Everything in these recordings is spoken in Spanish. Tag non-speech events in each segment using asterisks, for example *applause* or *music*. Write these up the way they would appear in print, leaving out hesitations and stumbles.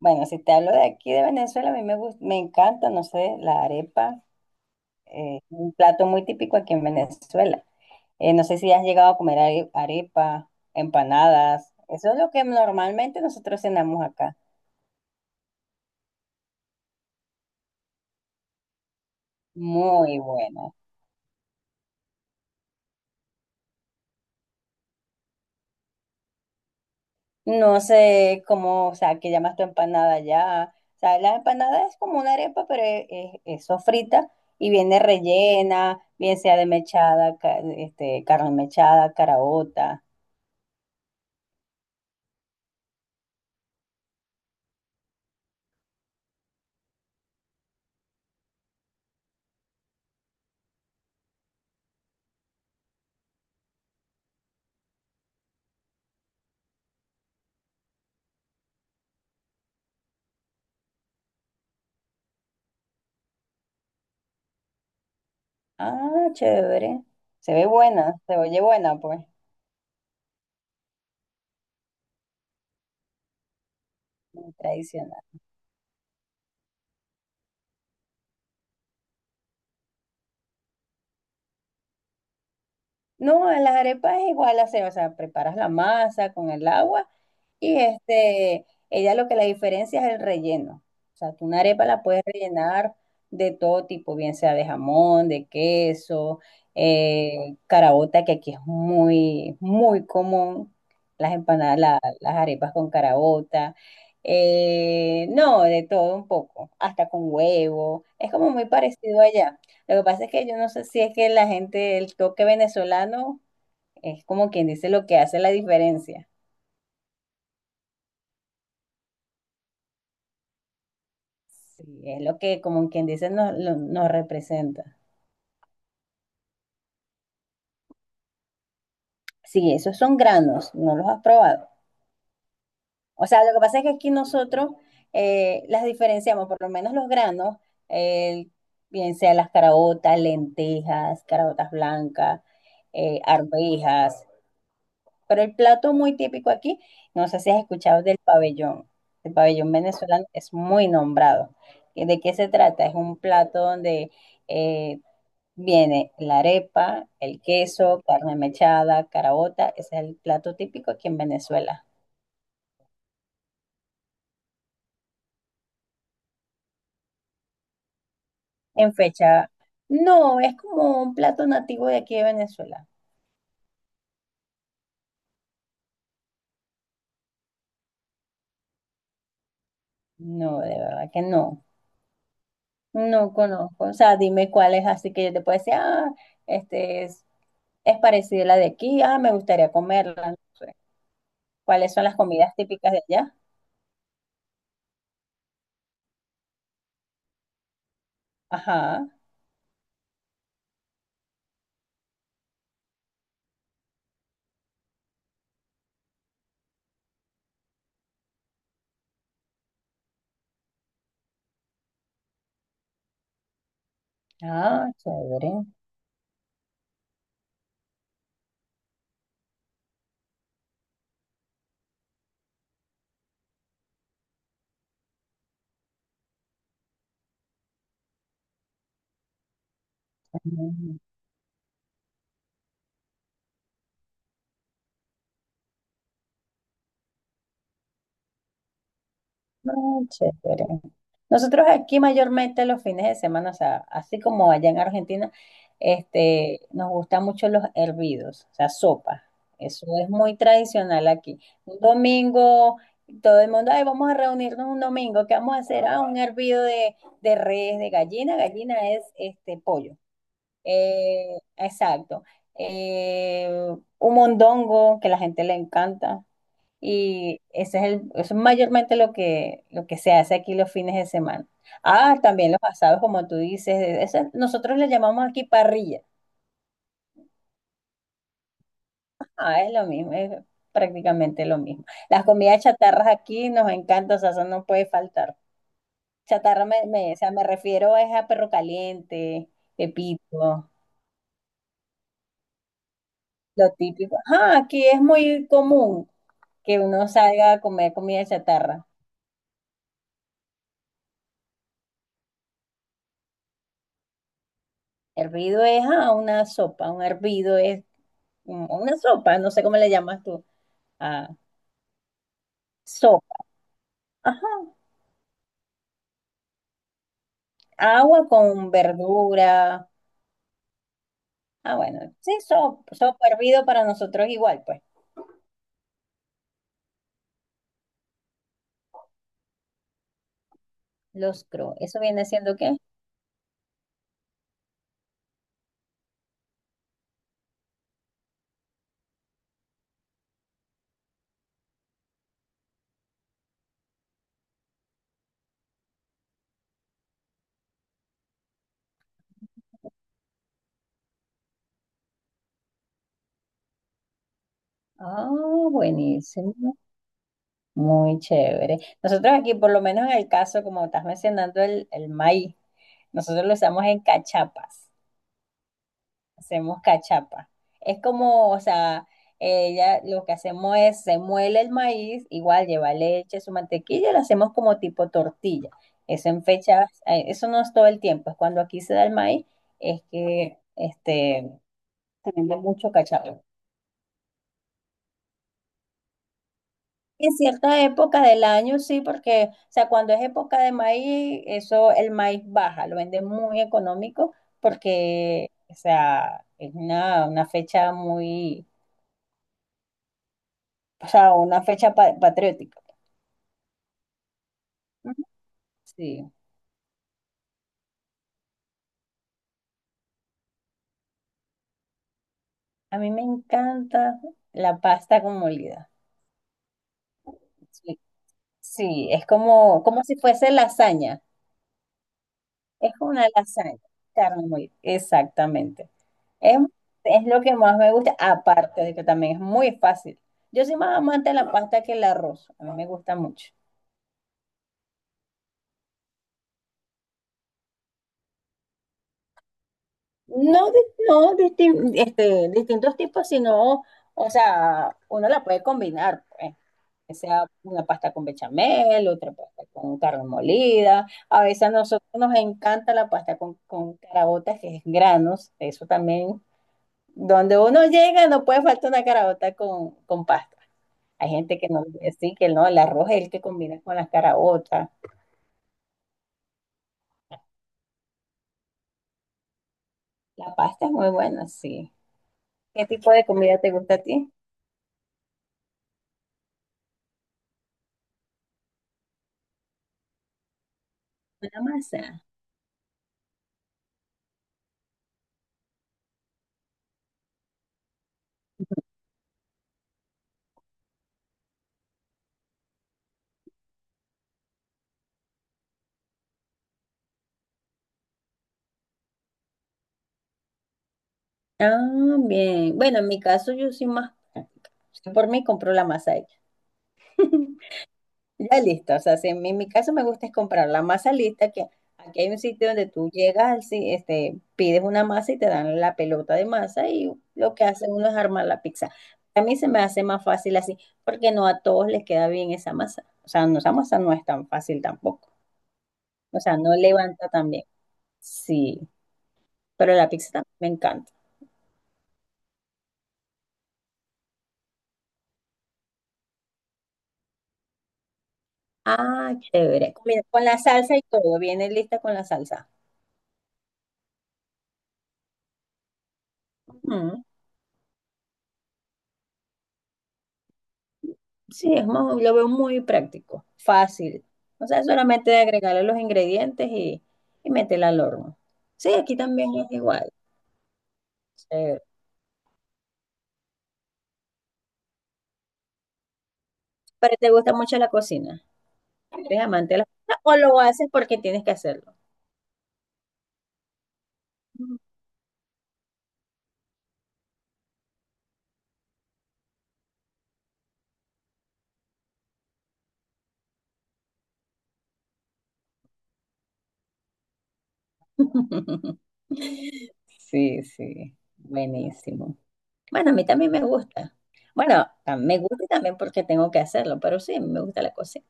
Bueno, si te hablo de aquí de Venezuela, a mí me gusta, me encanta, no sé, la arepa, un plato muy típico aquí en Venezuela. No sé si has llegado a comer arepa, empanadas, eso es lo que normalmente nosotros cenamos acá. Muy bueno. No sé cómo, o sea, qué llamas tu empanada ya. O sea, la empanada es como una arepa, pero es sofrita y viene rellena, bien sea de mechada, este, carne mechada, caraota. Ah, chévere. Se ve buena, se oye buena, pues. Tradicional. No, en las arepas es igual, hace, o sea, preparas la masa con el agua y este, ella lo que la diferencia es el relleno. O sea, tú una arepa la puedes rellenar de todo tipo, bien sea de jamón, de queso, caraota, que aquí es muy, muy común, las empanadas, las arepas con caraota. No, de todo un poco, hasta con huevo. Es como muy parecido allá. Lo que pasa es que yo no sé si es que la gente, el toque venezolano es como quien dice lo que hace la diferencia. Sí, es lo que como quien dice nos representa. Sí, esos son granos, no los has probado. O sea, lo que pasa es que aquí nosotros las diferenciamos, por lo menos los granos, eh, bien sea las caraotas, lentejas, caraotas blancas, arvejas. Pero el plato muy típico aquí, no sé si has escuchado del pabellón. El pabellón venezolano es muy nombrado. ¿De qué se trata? Es un plato donde eh, viene la arepa, el queso, carne mechada, caraota. Ese es el plato típico aquí en Venezuela. En fecha, no, es como un plato nativo de aquí de Venezuela. No, de verdad que no. No conozco. O sea, dime cuál es así que yo te puedo decir, ah, este es. Es parecida a la de aquí. Ah, me gustaría comerla. No sé. ¿Cuáles son las comidas típicas de allá? Ajá. Ah, chévere. Ujú. Ah, chévere. Nosotros aquí mayormente los fines de semana, o sea, así como allá en Argentina, este, nos gustan mucho los hervidos, o sea, sopa. Eso es muy tradicional aquí. Un domingo, todo el mundo, ay, vamos a reunirnos un domingo, ¿qué vamos a hacer? Ah, un hervido de res, de gallina. Gallina es este pollo. Exacto. Eh, un mondongo que la gente le encanta. Y ese es el, eso es mayormente lo que se hace aquí los fines de semana. Ah, también los asados, como tú dices. Eso nosotros le llamamos aquí parrilla. Ah, es lo mismo, es prácticamente lo mismo. Las comidas chatarras aquí nos encantan, o sea, eso no puede faltar. Chatarra, o sea, me refiero es a perro caliente, pepito, lo típico. Ajá, aquí es muy común, que uno salga a comer comida chatarra. Hervido es a una sopa, un hervido es una sopa, no sé cómo le llamas tú, a sopa. Ajá. Agua con verdura. Ah, bueno, sí, sopa, sopa hervido para nosotros igual, pues. Los cru, ¿eso viene siendo qué? Ah, buenísimo. Muy chévere. Nosotros aquí, por lo menos en el caso, como estás mencionando, el maíz, nosotros lo usamos en cachapas. Hacemos cachapa. Es como, o sea, ella lo que hacemos es se muele el maíz, igual lleva leche, su mantequilla, lo hacemos como tipo tortilla. Eso en fechas, eso no es todo el tiempo, es cuando aquí se da el maíz, es que este, se vende mucho cachapa. En cierta época del año, sí, porque, o sea, cuando es época de maíz, eso, el maíz baja, lo venden muy económico porque, o sea, es una fecha muy, o sea, una fecha patriótica. Ujú. Sí, a mí me encanta la pasta con molida. Sí, sí, es como, como si fuese lasaña. Es una lasaña, carne molida. Exactamente. Es, es lo que más me gusta, aparte de que también es muy fácil. Yo soy más amante de la pasta que el arroz. A mí me gusta mucho. No, no este, distintos tipos, sino, o sea, uno la puede combinar, pues. Que sea una pasta con bechamel, otra pasta con carne molida. A veces a nosotros nos encanta la pasta con caraotas que es granos, eso también. Donde uno llega no puede faltar una caraota con pasta. Hay gente que no, sí, que no, el arroz es el que combina con las caraotas. La pasta es muy buena, sí. ¿Qué tipo de comida te gusta a ti? La masa. Ah, bien. Bueno, en mi caso yo soy más práctica. Por mí compro la masa hecha. *laughs* Ya lista, o sea, si en mi, en mi caso me gusta es comprar la masa lista, que aquí hay un sitio donde tú llegas, al este, pides una masa y te dan la pelota de masa y lo que hace uno es armar la pizza. A mí se me hace más fácil así, porque no a todos les queda bien esa masa. O sea, no, esa masa no es tan fácil tampoco. O sea, no levanta tan bien. Sí, pero la pizza también me encanta. Ah, chévere. Mira, con la salsa y todo, viene lista con la salsa. Mm. Sí, es lo veo muy práctico, fácil. O sea, solamente agregarle los ingredientes y meterla al horno. Sí, aquí también es igual. Eh, pero te gusta mucho la cocina. ¿Eres amante de la cocina o lo haces porque tienes que hacerlo? *laughs* Sí, sí, buenísimo. Bueno, a mí también me gusta. Bueno, me gusta también porque tengo que hacerlo, pero sí, me gusta la cocina.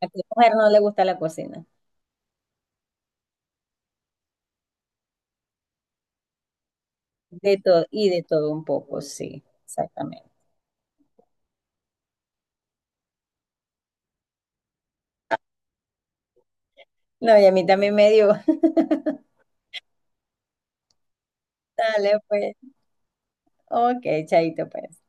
¿A qué mujer no le gusta la cocina? De todo y de todo un poco, sí, exactamente. No, y a mí también me dio. Dale, pues. Ok, chaito, pues.